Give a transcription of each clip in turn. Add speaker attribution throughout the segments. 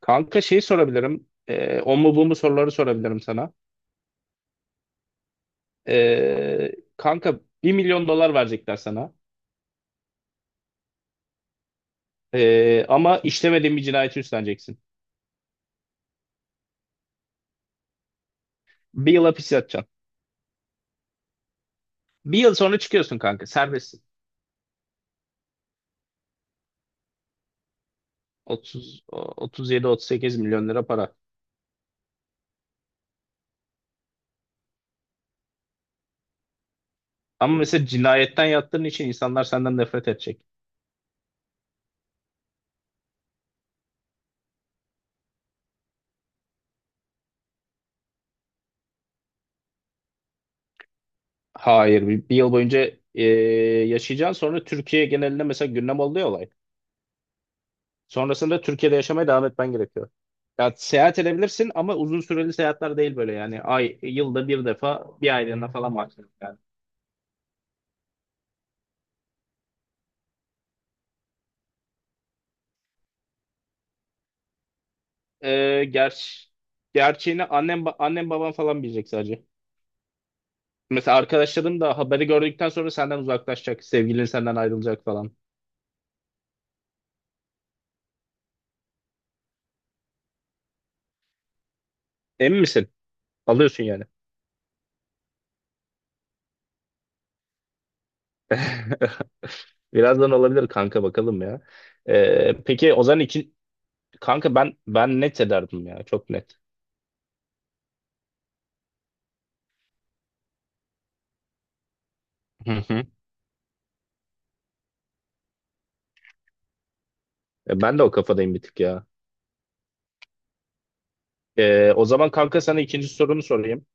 Speaker 1: Kanka şey sorabilirim. O mu bu mu soruları sorabilirim sana. Kanka bir milyon dolar verecekler sana. Ama işlemediğin bir cinayeti üstleneceksin. Bir yıl hapis yatacaksın. Bir yıl sonra çıkıyorsun kanka. Serbestsin. 30, 37-38 milyon lira para. Ama mesela cinayetten yattığın için insanlar senden nefret edecek. Hayır. Bir yıl boyunca yaşayacaksın. Sonra Türkiye genelinde mesela gündem oluyor olay. Sonrasında Türkiye'de yaşamaya devam etmen gerekiyor. Ya seyahat edebilirsin ama uzun süreli seyahatler değil böyle yani. Ay, yılda bir defa bir aylığına falan maksimum yani. Ee, ger gerçeğini annem babam falan bilecek sadece. Mesela arkadaşların da haberi gördükten sonra senden uzaklaşacak. Sevgilin senden ayrılacak falan. Emin misin? Alıyorsun yani. Birazdan olabilir kanka bakalım ya. Peki Ozan için kanka ben net ederdim ya çok net. Hı hı. Ben de o kafadayım bir tık ya. O zaman kanka sana ikinci sorumu sorayım.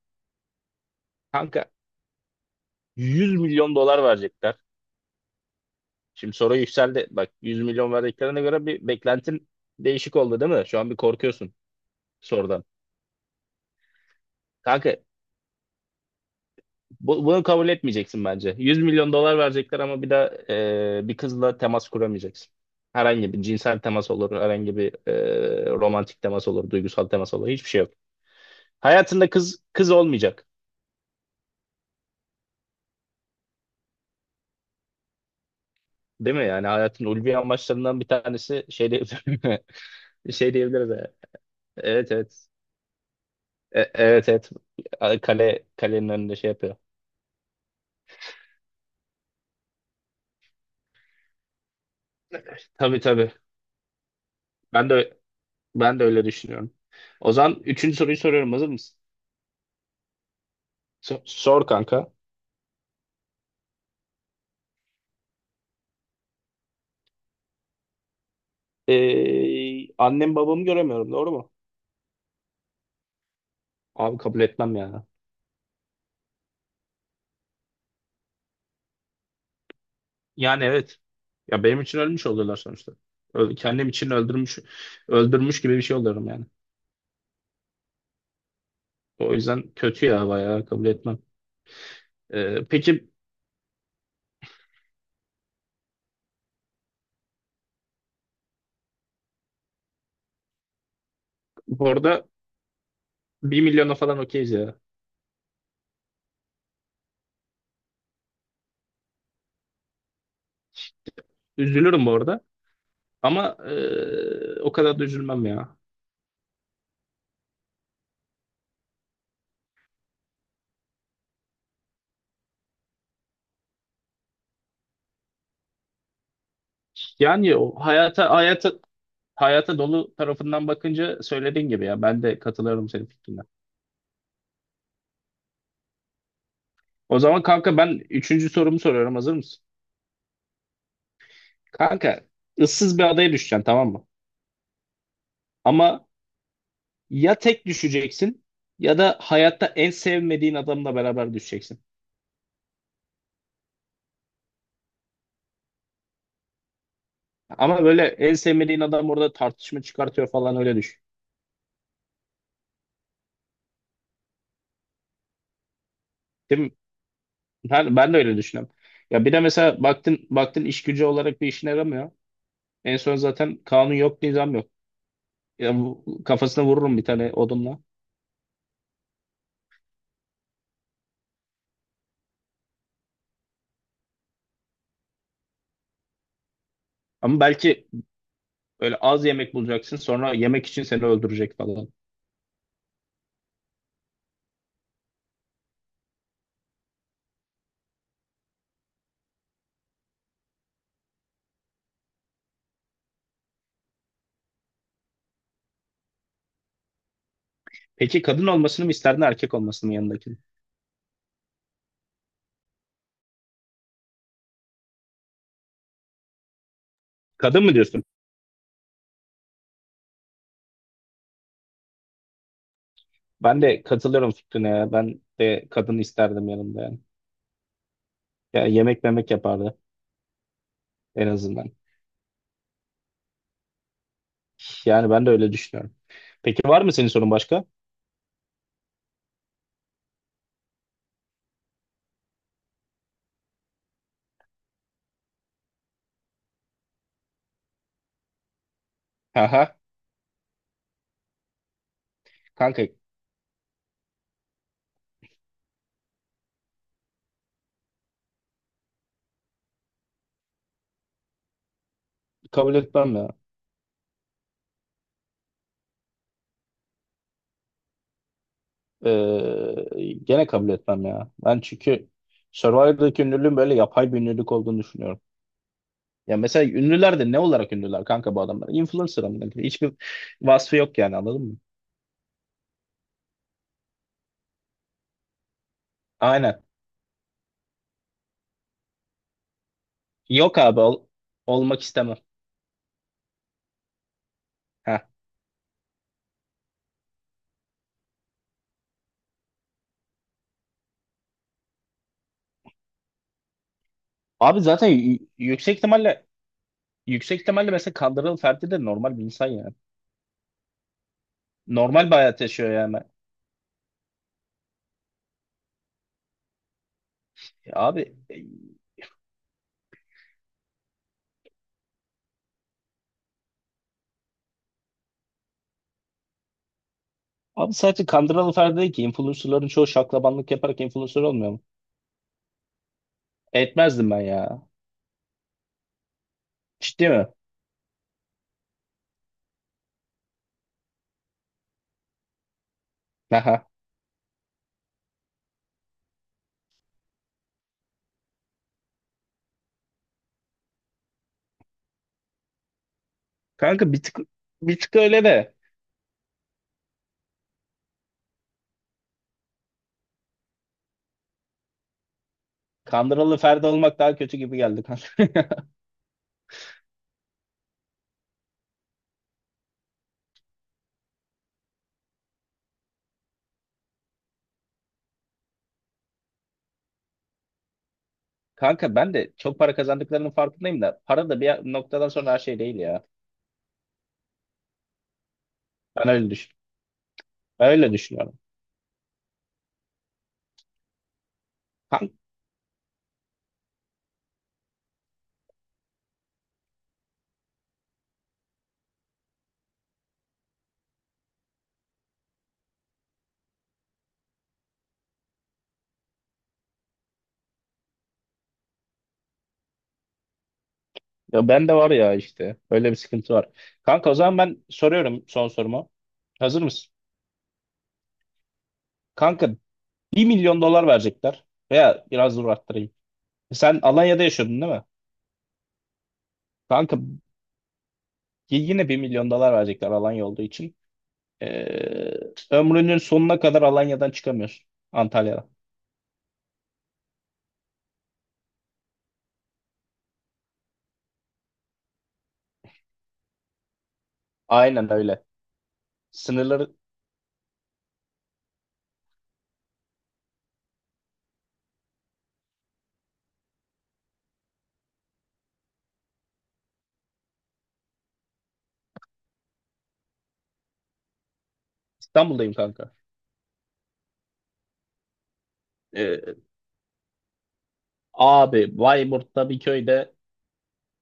Speaker 1: Kanka 100 milyon dolar verecekler. Şimdi soru yükseldi. Bak 100 milyon verdiklerine göre bir beklentin değişik oldu değil mi? Şu an bir korkuyorsun sorudan. Kanka bunu kabul etmeyeceksin bence. 100 milyon dolar verecekler ama bir daha bir kızla temas kuramayacaksın. Herhangi bir cinsel temas olur, herhangi bir romantik temas olur, duygusal temas olur. Hiçbir şey yok. Hayatında kız kız olmayacak. Değil mi? Yani hayatın ulvi amaçlarından bir tanesi şey diyebilir şey diyebiliriz yani. Evet evet. Evet evet. Kalenin önünde şey yapıyor. Tabii tabii. Ben de ben de öyle düşünüyorum. O zaman üçüncü soruyu soruyorum. Hazır mısın? Sor kanka. Annem babamı göremiyorum. Doğru mu? Abi kabul etmem ya. Yani evet. Ya benim için ölmüş oluyorlar sonuçta. Kendim için öldürmüş gibi bir şey oluyorum yani. O yüzden kötü ya bayağı kabul etmem. Peki bu arada 1 milyona falan okeyiz ya. Üzülürüm bu arada. Ama o kadar da üzülmem ya. Yani o hayata dolu tarafından bakınca söylediğin gibi ya ben de katılıyorum senin fikrine. O zaman kanka ben üçüncü sorumu soruyorum hazır mısın? Kanka ıssız bir adaya düşeceksin tamam mı? Ama ya tek düşeceksin ya da hayatta en sevmediğin adamla beraber düşeceksin. Ama böyle en sevmediğin adam orada tartışma çıkartıyor falan öyle düşün. Değil mi? Ben de öyle düşünüyorum. Ya bir de mesela baktın iş gücü olarak bir işine yaramıyor. En son zaten kanun yok, nizam yok. Ya bu, kafasına vururum bir tane odunla. Ama belki böyle az yemek bulacaksın sonra yemek için seni öldürecek falan. Peki kadın olmasını mı isterdin erkek olmasını mı yanındakinin? Kadın mı diyorsun? Ben de katılıyorum fikrine ya. Ben de kadın isterdim yanımda yani. Ya yemek memek yapardı en azından. Yani ben de öyle düşünüyorum. Peki var mı senin sorun başka? Haha. Kanka kabul etmem ya. Gene kabul etmem ya. Ben çünkü Survivor'daki ünlülüğün böyle yapay bir ünlülük olduğunu düşünüyorum. Ya mesela ünlüler de ne olarak ünlüler kanka bu adamlar? Influencer amına koyayım. Hiçbir vasfı yok yani anladın mı? Aynen. Yok abi olmak istemem. Heh. Abi zaten yüksek ihtimalle mesela Kandırıl Ferdi de normal bir insan yani. Normal bir hayat yaşıyor yani. Abi abi sadece Kandıralı Ferdi değil ki influencerların çoğu şaklabanlık yaparak influencer olmuyor mu? Etmezdim ben ya. Ciddi mi? Kanka bir tık öyle de kandıralı Ferdi olmak daha kötü gibi geldi kanka. Kanka ben de çok para kazandıklarının farkındayım da para da bir noktadan sonra her şey değil ya. Ben öyle düşün. Ben öyle düşünüyorum. Kanka, ya ben de var ya işte. Öyle bir sıkıntı var. Kanka o zaman ben soruyorum son sorumu. Hazır mısın? Kanka bir milyon dolar verecekler. Veya biraz dur arttırayım. Sen Alanya'da yaşıyordun değil mi? Kanka yine bir milyon dolar verecekler Alanya olduğu için. Ee, Ömrünün sonuna kadar Alanya'dan çıkamıyorsun. Antalya'dan. Aynen öyle. Sınırları İstanbul'dayım kanka. Ee, Abi Bayburt'ta bir köyde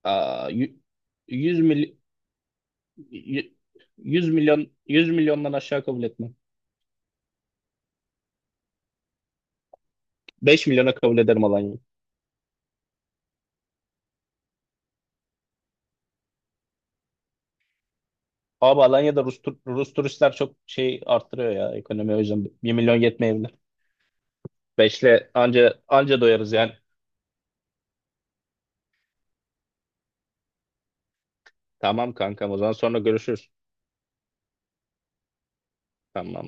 Speaker 1: aa, yü- 100 yü- 100 milyon 100 milyondan aşağı kabul etmem. 5 milyona kabul ederim Alanya'yı. Abi Alanya'da Rus turistler çok şey arttırıyor ya ekonomi o yüzden bir milyon yetmeyebilir. Beşle anca anca doyarız yani. Tamam kankam o zaman sonra görüşürüz. Tamam.